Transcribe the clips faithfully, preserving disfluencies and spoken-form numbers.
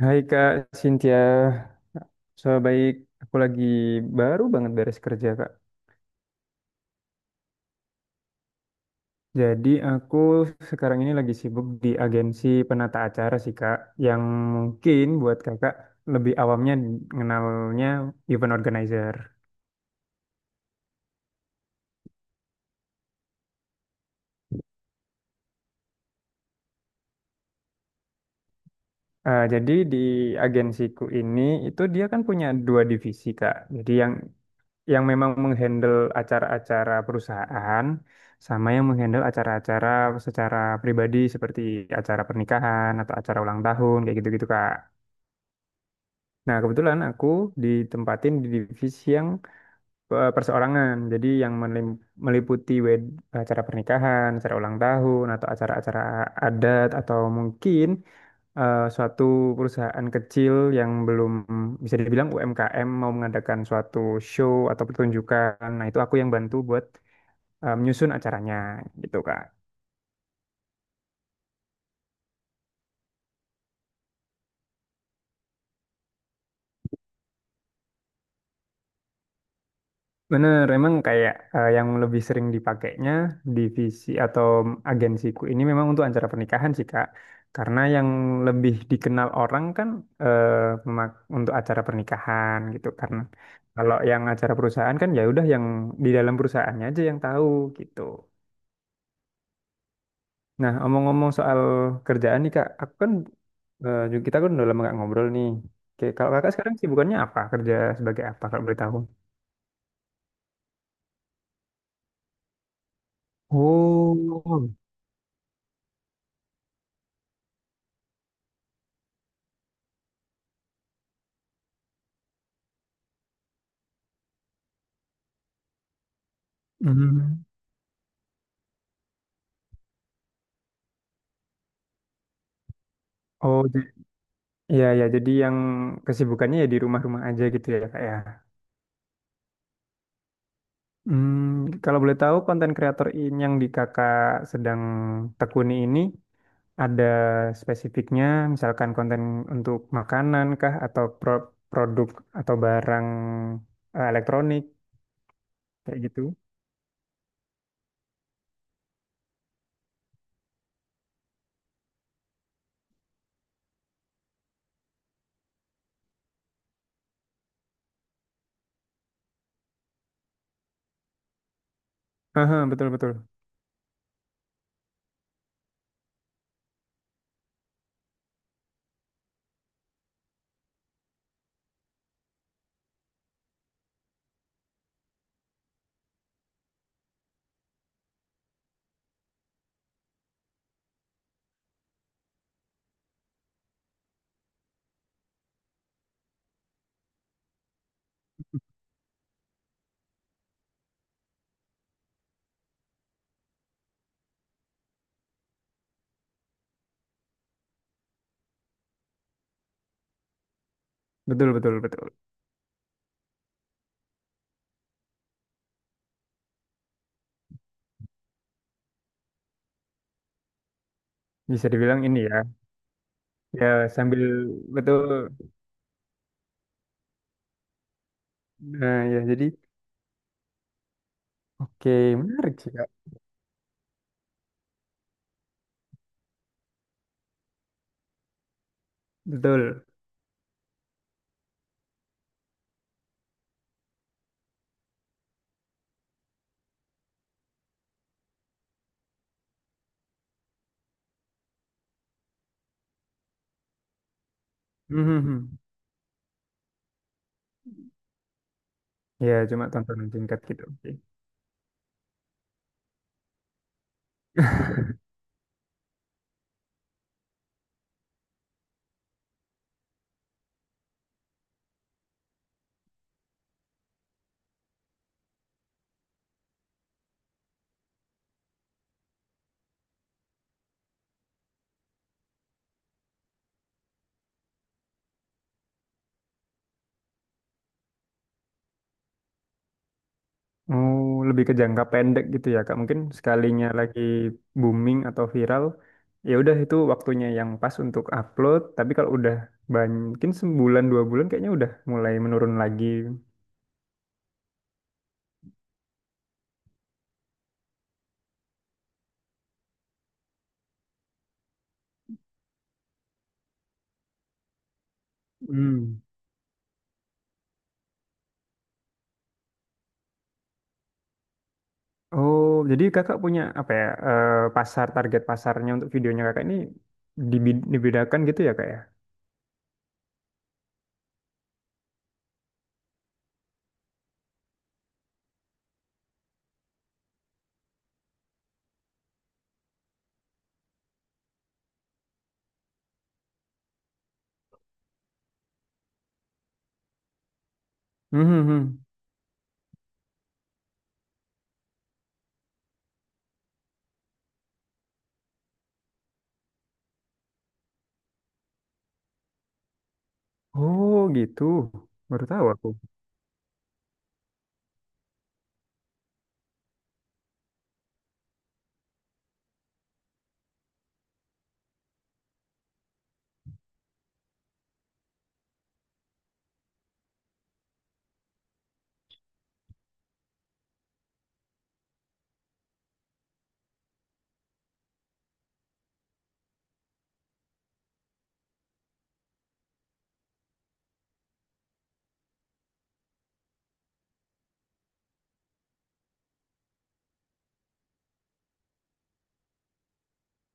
Hai Kak Cynthia, so baik. Aku lagi baru banget beres kerja Kak. Jadi aku sekarang ini lagi sibuk di agensi penata acara sih Kak, yang mungkin buat Kakak lebih awamnya mengenalnya event organizer. Eh, jadi di agensiku ini itu dia kan punya dua divisi Kak. Jadi yang yang memang menghandle acara-acara perusahaan sama yang menghandle acara-acara secara pribadi seperti acara pernikahan atau acara ulang tahun kayak gitu-gitu Kak. Nah, kebetulan aku ditempatin di divisi yang eh, perseorangan. Jadi yang melim- meliputi wed- acara pernikahan, acara ulang tahun atau acara-acara adat atau mungkin eh, suatu perusahaan kecil yang belum bisa dibilang U M K M mau mengadakan suatu show atau pertunjukan. Nah, itu aku yang bantu buat eh, menyusun acaranya gitu, Kak. Bener, emang kayak eh, yang lebih sering dipakainya divisi atau agensiku ini memang untuk acara pernikahan sih, Kak. Karena yang lebih dikenal orang kan eh, memak- untuk acara pernikahan gitu karena kalau yang acara perusahaan kan ya udah yang di dalam perusahaannya aja yang tahu gitu. Nah, omong-omong soal kerjaan nih Kak, aku kan eh, juga- kita kan udah lama nggak ngobrol nih. Oke, kalau Kakak sekarang sibukannya apa? Kerja sebagai apa kalau boleh tahu? Oh. Hmm. Oh, j- iya ya, jadi yang kesibukannya ya di rumah-rumah aja gitu ya Kak ya. Hmm, kalau boleh tahu konten kreator ini yang di Kakak sedang tekuni ini ada spesifiknya misalkan konten untuk makanan kah atau pro- produk atau barang eh, elektronik kayak gitu? Aha, betul, betul, betul, betul, betul, bisa dibilang ini ya, ya, sambil, betul, nah ya jadi, oke, menarik sih kak, betul. Mhm. Ya cuma tontonan singkat gitu, oke. Oh, lebih ke jangka pendek gitu ya, Kak. Mungkin sekalinya lagi booming atau viral, ya udah itu waktunya yang pas untuk upload. Tapi kalau udah ban- mungkin sebulan dua bulan kayaknya udah mulai menurun lagi. Hmm. Oh, jadi kakak punya apa ya eh, pasar target pasarnya untuk videonya kakak ini dibi- dibedakan gitu ya kak ya? Hmm, hmm, hmm. Oh gitu, baru tahu aku.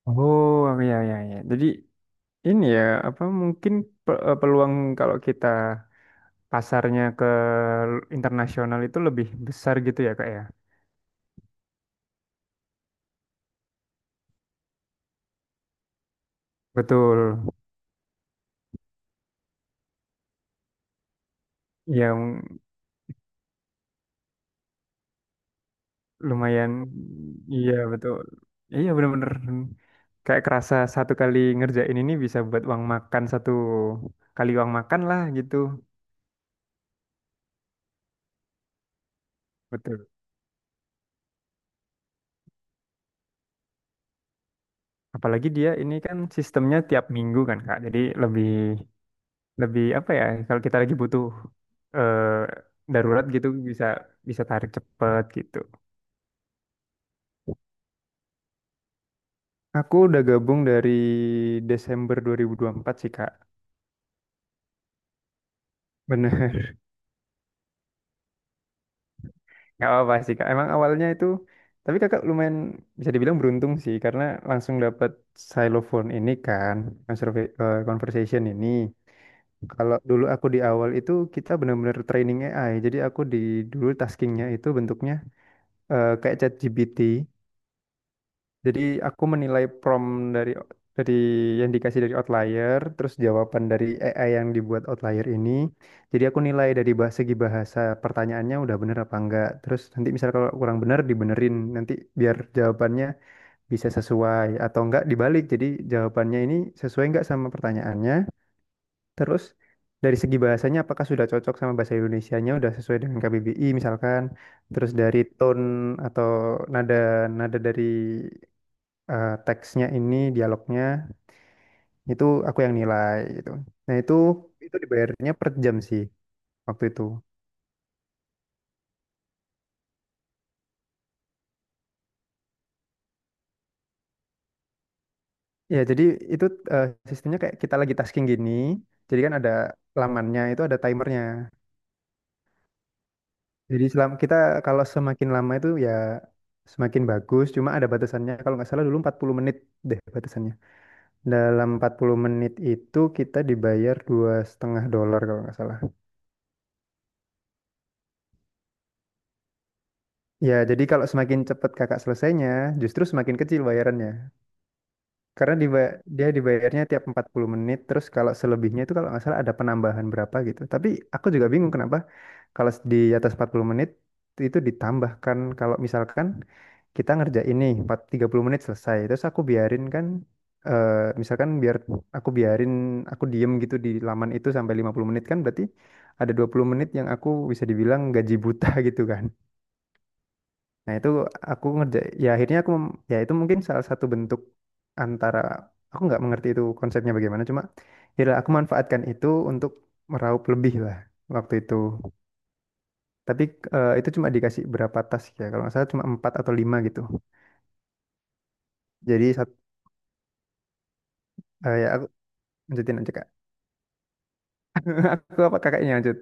Oh ya ya ya. Jadi ini ya apa mungkin pe- eh, peluang kalau kita pasarnya ke internasional itu lebih besar gitu ya kak ya? Betul. Yang lumayan, iya betul, iya, bener-bener kayak kerasa satu kali ngerjain ini bisa buat uang makan satu kali uang makan lah gitu, betul. Apalagi dia ini kan sistemnya tiap minggu kan Kak, jadi lebih lebih apa ya kalau kita lagi butuh eh, darurat gitu bisa bisa tarik cepet gitu. Aku udah gabung dari Desember dua nol dua empat sih Kak. Bener. Gak apa-apa sih kak. Emang awalnya itu, tapi kakak lumayan bisa dibilang beruntung sih karena langsung dapat xylophone ini kan, conserva- eh, conversation ini. Kalau dulu aku di awal itu kita benar-benar training A I. Jadi aku di dulu taskingnya itu bentuknya eh, kayak ChatGPT. Jadi aku menilai prompt dari dari yang dikasih dari outlier, terus jawaban dari A I yang dibuat outlier ini. Jadi aku nilai dari bah- segi bahasa pertanyaannya udah bener apa enggak. Terus nanti misal kalau kurang bener dibenerin nanti biar jawabannya bisa sesuai atau enggak dibalik. Jadi jawabannya ini sesuai enggak sama pertanyaannya. Terus dari segi bahasanya apakah sudah cocok sama bahasa Indonesianya udah sesuai dengan K B B I misalkan. Terus dari tone atau nada, nada dari eh, teksnya ini dialognya itu aku yang nilai gitu. Nah itu, itu dibayarnya per jam sih waktu itu. Ya jadi itu eh, sistemnya kayak kita lagi tasking gini, jadi kan ada lamannya itu ada timernya. Jadi selam kita kalau semakin lama itu ya semakin bagus. Cuma ada batasannya kalau nggak salah dulu empat puluh menit deh batasannya. Dalam empat puluh menit itu kita dibayar dua setengah dolar kalau nggak salah. Ya jadi kalau semakin cepat kakak selesainya, justru semakin kecil bayarannya. Karena diba- dia dibayarnya tiap empat puluh menit, terus kalau selebihnya itu kalau nggak salah ada penambahan berapa gitu. Tapi aku juga bingung kenapa kalau di atas empat puluh menit itu ditambahkan kalau misalkan kita ngerjain ini empat- tiga puluh menit selesai, terus aku biarin kan eh, misalkan biar aku biarin aku diem gitu di laman itu sampai lima puluh menit kan berarti ada dua puluh menit yang aku bisa dibilang gaji buta gitu kan. Nah itu aku ngerja, ya akhirnya aku, mem- ya itu mungkin salah satu bentuk antara, aku nggak mengerti itu konsepnya bagaimana, cuma ya lah, aku manfaatkan itu untuk meraup lebih lah waktu itu. Tapi eh, itu cuma dikasih berapa tas ya, kalau nggak salah cuma empat atau lima gitu. Jadi sat, eh, ya aku lanjutin aja kak. Aku apa kakaknya lanjut.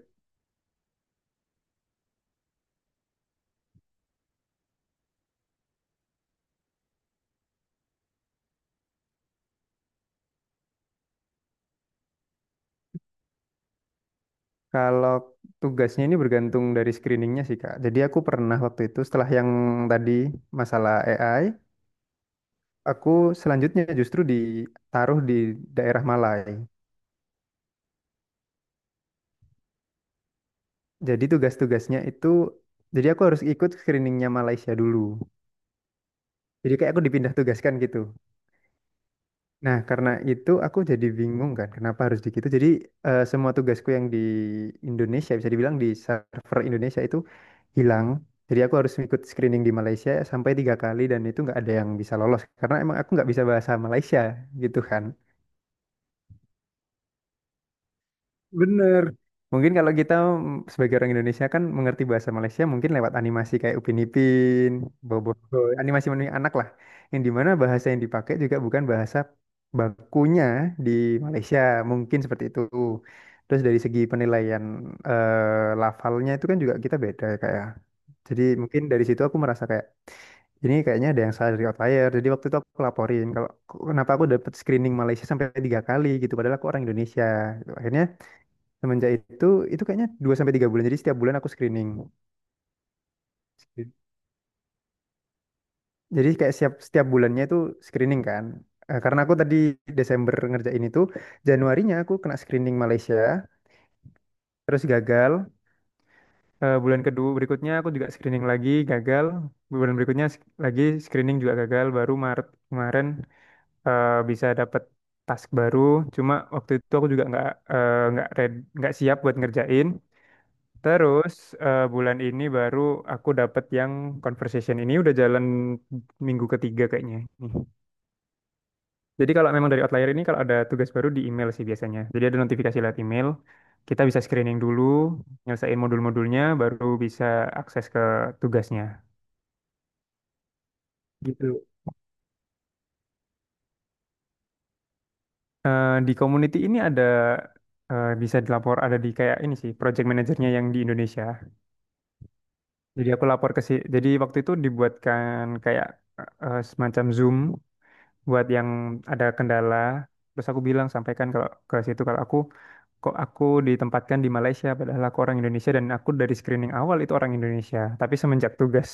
Kalau tugasnya ini bergantung dari screeningnya sih kak. Jadi aku pernah waktu itu setelah yang tadi masalah A I, aku selanjutnya justru ditaruh di daerah Malai. Jadi tugas-tugasnya itu, jadi aku harus ikut screeningnya Malaysia dulu. Jadi kayak aku dipindah tugaskan gitu. Nah, karena itu aku jadi bingung kan, kenapa harus di gitu. Jadi eh, semua tugasku yang di Indonesia, bisa dibilang di server Indonesia itu hilang. Jadi aku harus ikut screening di Malaysia sampai tiga kali dan itu nggak ada yang bisa lolos. Karena emang aku nggak bisa bahasa Malaysia gitu kan. Bener. Mungkin kalau kita mm, sebagai orang Indonesia kan mengerti bahasa Malaysia mungkin lewat animasi kayak Upin Ipin, Bobo, animasi menunjukkan anak lah. Yang dimana bahasa yang dipakai juga bukan bahasa bakunya di Malaysia, mungkin seperti itu. Terus dari segi penilaian eh, lafalnya itu kan juga kita beda kayak. Jadi mungkin dari situ aku merasa kayak ini kayaknya ada yang salah dari outlier. Jadi waktu itu aku laporin kalau kenapa aku dapat screening Malaysia sampai tiga kali gitu padahal aku orang Indonesia. Gitu. Akhirnya semenjak itu itu kayaknya dua sampai tiga bulan. Jadi setiap bulan aku screening. Screen- Jadi kayak setiap setiap bulannya itu screening kan. Eh, karena aku tadi Desember ngerjain itu, Januarinya aku kena screening Malaysia, terus gagal. Eh, bulan kedua berikutnya aku juga screening lagi, gagal. Bulan berikutnya sk- lagi screening juga gagal. Baru Maret kemarin eh, bisa dapet task baru. Cuma waktu itu aku juga nggak eh, nggak red- nggak siap buat ngerjain. Terus eh, bulan ini baru aku dapet yang conversation ini udah jalan minggu ketiga kayaknya. Nih. Jadi kalau memang dari outlier ini kalau ada tugas baru di email sih biasanya. Jadi ada notifikasi lewat email, kita bisa screening dulu, nyelesain modul-modulnya, baru bisa akses ke tugasnya. Gitu. Eh, di community ini ada eh, bisa dilapor ada di kayak ini sih project manajernya yang di Indonesia. Jadi aku lapor ke si, jadi waktu itu dibuatkan kayak eh, semacam Zoom buat yang ada kendala terus aku bilang sampaikan kalau ke situ kalau aku kok aku ditempatkan di Malaysia padahal aku orang Indonesia dan aku dari screening awal itu orang Indonesia tapi semenjak tugas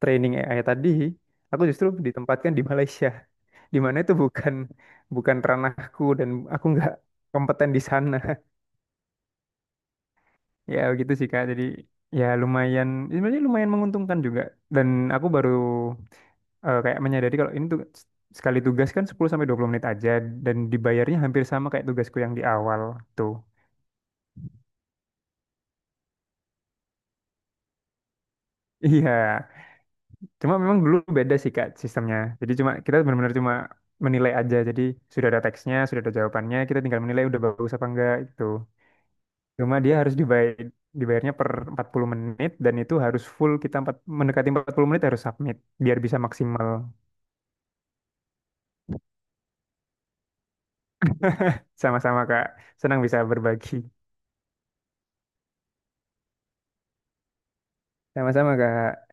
training A I tadi aku justru ditempatkan di Malaysia di mana itu bukan bukan ranahku dan aku nggak kompeten di sana. Ya gitu sih Kak jadi ya lumayan sebenarnya lumayan menguntungkan juga dan aku baru eh, kayak menyadari kalau ini tuh sekali tugas kan sepuluh sampai dua puluh menit aja dan dibayarnya hampir sama kayak tugasku yang di awal tuh. Iya, cuma memang dulu beda sih Kak sistemnya. Jadi cuma kita benar-benar cuma menilai aja. Jadi sudah ada teksnya, sudah ada jawabannya, kita tinggal menilai udah bagus apa enggak itu. Cuma dia harus dibayar dibayarnya per empat puluh menit dan itu harus full kita empat, mendekati empat puluh menit harus submit biar bisa maksimal. Sama-sama Kak, senang bisa berbagi. Sama-sama Kak.